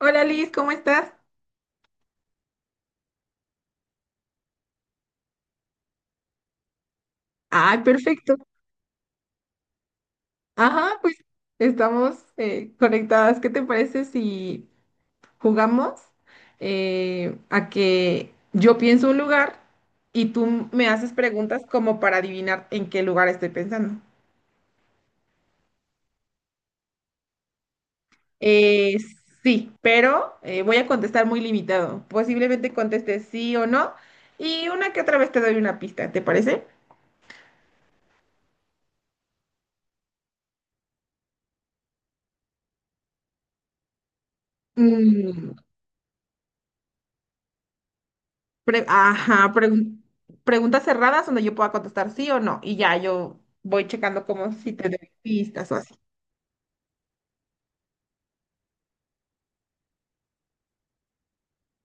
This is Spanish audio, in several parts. Hola Liz, ¿cómo estás? Ay, perfecto. Ajá, pues estamos conectadas. ¿Qué te parece si jugamos a que yo pienso un lugar y tú me haces preguntas como para adivinar en qué lugar estoy pensando? Eh, sí, pero voy a contestar muy limitado. Posiblemente conteste sí o no y una que otra vez te doy una pista, ¿te parece? Mm, Pre- ajá, pregun- Preguntas cerradas donde yo pueda contestar sí o no. Y ya yo voy checando como si te doy pistas o así.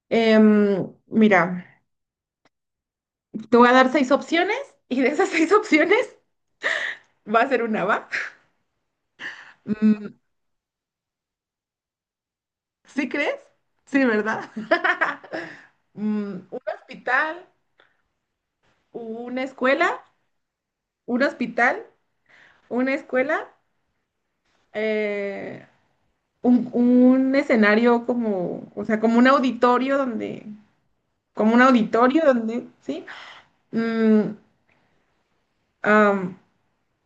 Mira, te voy a dar 6 opciones y de esas 6 opciones va a ser una, ¿va? Mm. ¿Sí crees? Sí, ¿verdad? Mm, un hospital, una escuela, un hospital, una escuela, eh, un escenario como, o sea, como un auditorio donde como un auditorio donde, ¿sí? Mm, am,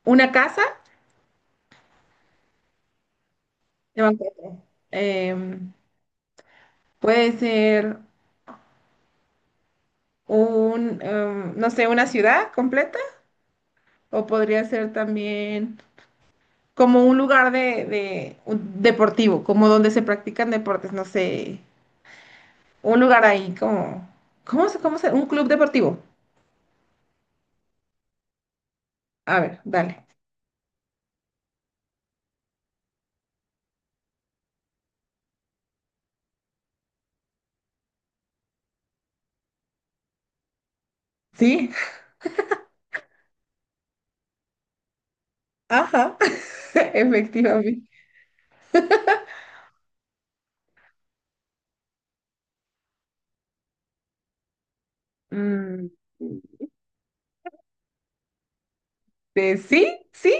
una casa, ya 4. Em, Puede ser un, no sé, una ciudad completa o podría ser también como un lugar un deportivo, como donde se practican deportes, no sé, un lugar ahí como, cómo se, un club deportivo? A ver, dale. Sí, ajá, efectivamente. Mm, sí, sí.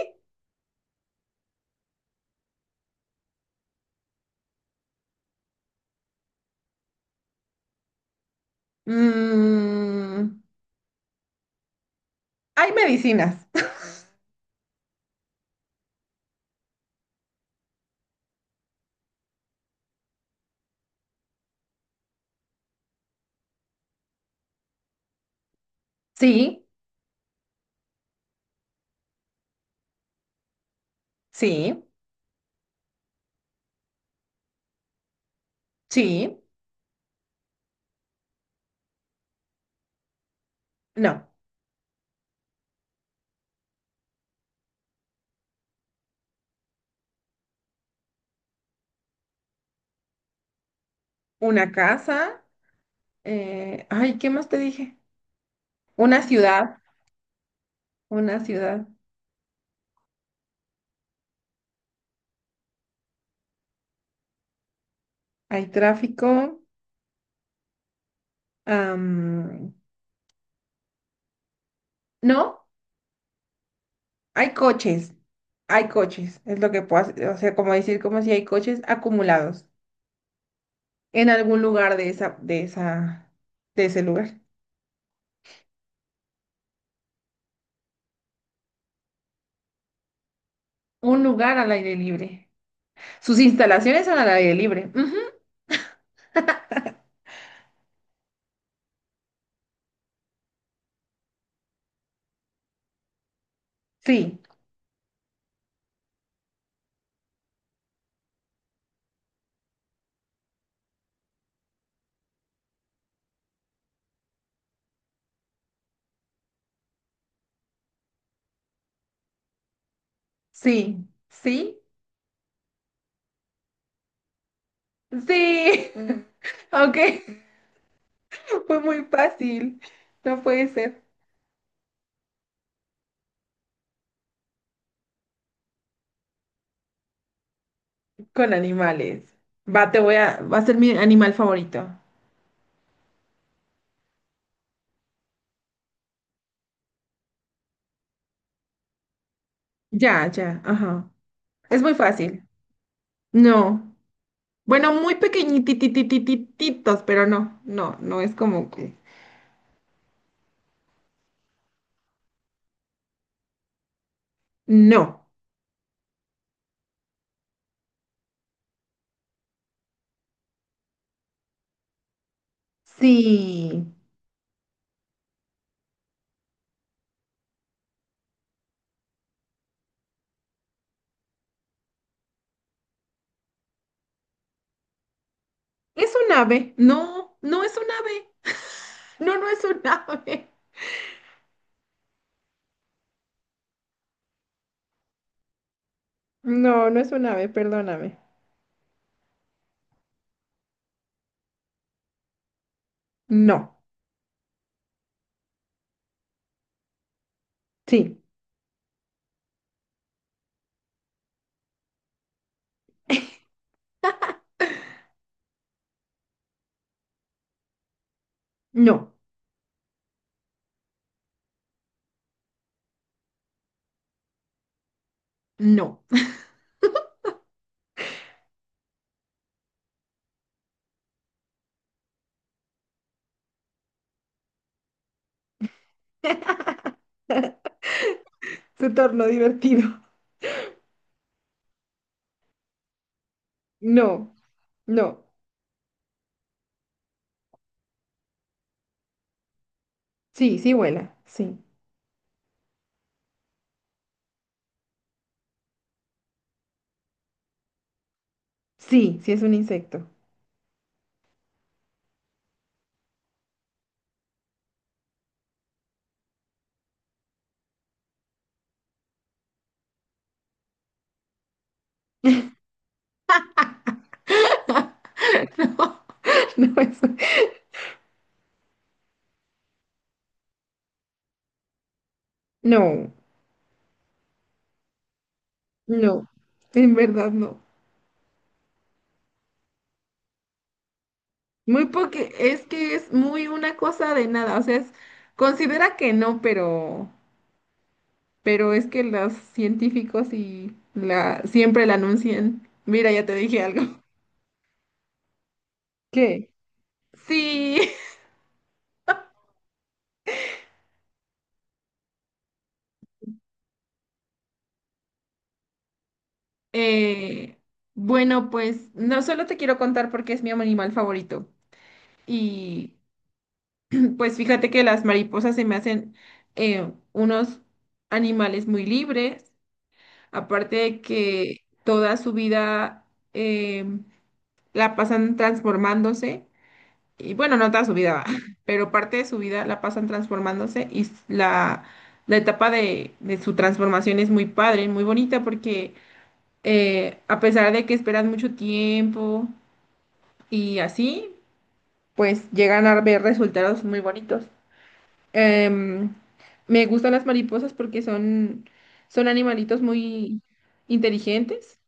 Mm, hay medicinas. Sí, sí, sí, no. Una casa. Ay, ¿qué más te dije? Una ciudad, una ciudad. Hay tráfico. am, no, hay coches. Hay coches, es lo que puedo hacer. O sea, como decir, como si hay coches acumulados en algún lugar de esa, de ese lugar. Un lugar al aire libre. Sus instalaciones son al aire libre. Ujú. Sí, sí, sí. Sí, mm. Aunque fue muy fácil. No puede ser. Con animales. Va, te voy a... Va a ser mi animal favorito. Ya, ya, ajá. Es muy fácil. No. Bueno, muy pequeñitititititos, pero no, no, no es como que... No. Sí. Es un ave. No, no es un ave. No, no es un ave. No, no es un ave, perdóname. No. Sí. No. No. Se tornó divertido. No, no. Sí, sí vuela. Sí. Sí, sí es un insecto. No es. No, no. En verdad no. Muy porque es que es muy una cosa de nada, o sea, es- considera que no, pero es que los científicos y la siempre la anuncian. Mira, ya te dije algo. ¿Qué? Sí. eh, bueno, pues no solo te quiero contar porque es mi animal favorito y pues fíjate que las mariposas se me hacen unos animales muy libres, aparte de que toda su vida eh, la pasan transformándose, y bueno, no toda su vida, va, pero parte de su vida la pasan transformándose y s- la etapa de su transformación es muy padre, muy bonita, porque a pesar de que esperan mucho tiempo y así, pues llegan a ver resultados muy bonitos. Em, Me gustan las mariposas porque son, son animalitos muy inteligentes.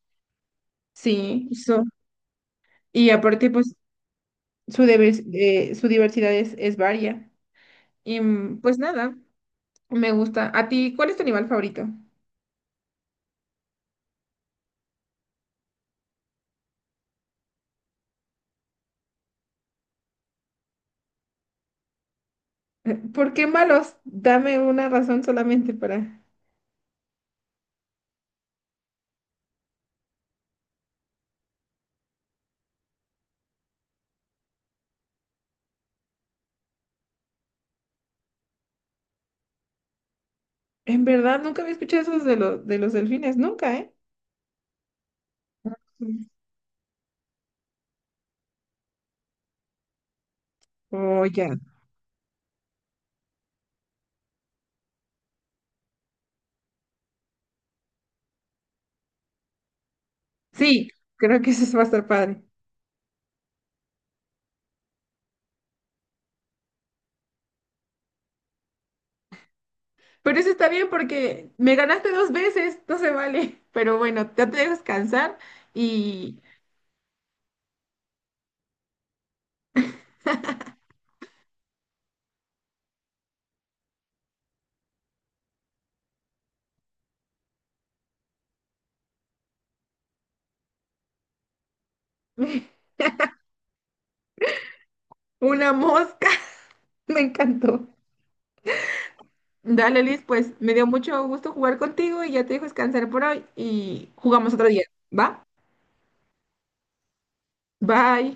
Sí, eso. Y aparte, pues, su, deves- su diversidad es varia. Y mm, pues nada, me gusta. ¿A ti cuál es tu animal favorito? ¿Por qué malos? Dame una razón solamente para... En verdad, nunca había escuchado esos de los delfines, nunca, ¿eh? Mm. Oh, ya. Sí, creo que eso va a estar padre. Pero eso está bien porque me ganaste 2 veces, no se vale. Pero bueno, te dejo descansar y una mosca, me encantó. Dale, Liz, pues me dio mucho gusto jugar contigo y ya te dejo descansar por hoy y jugamos otro día, ¿va? Bye.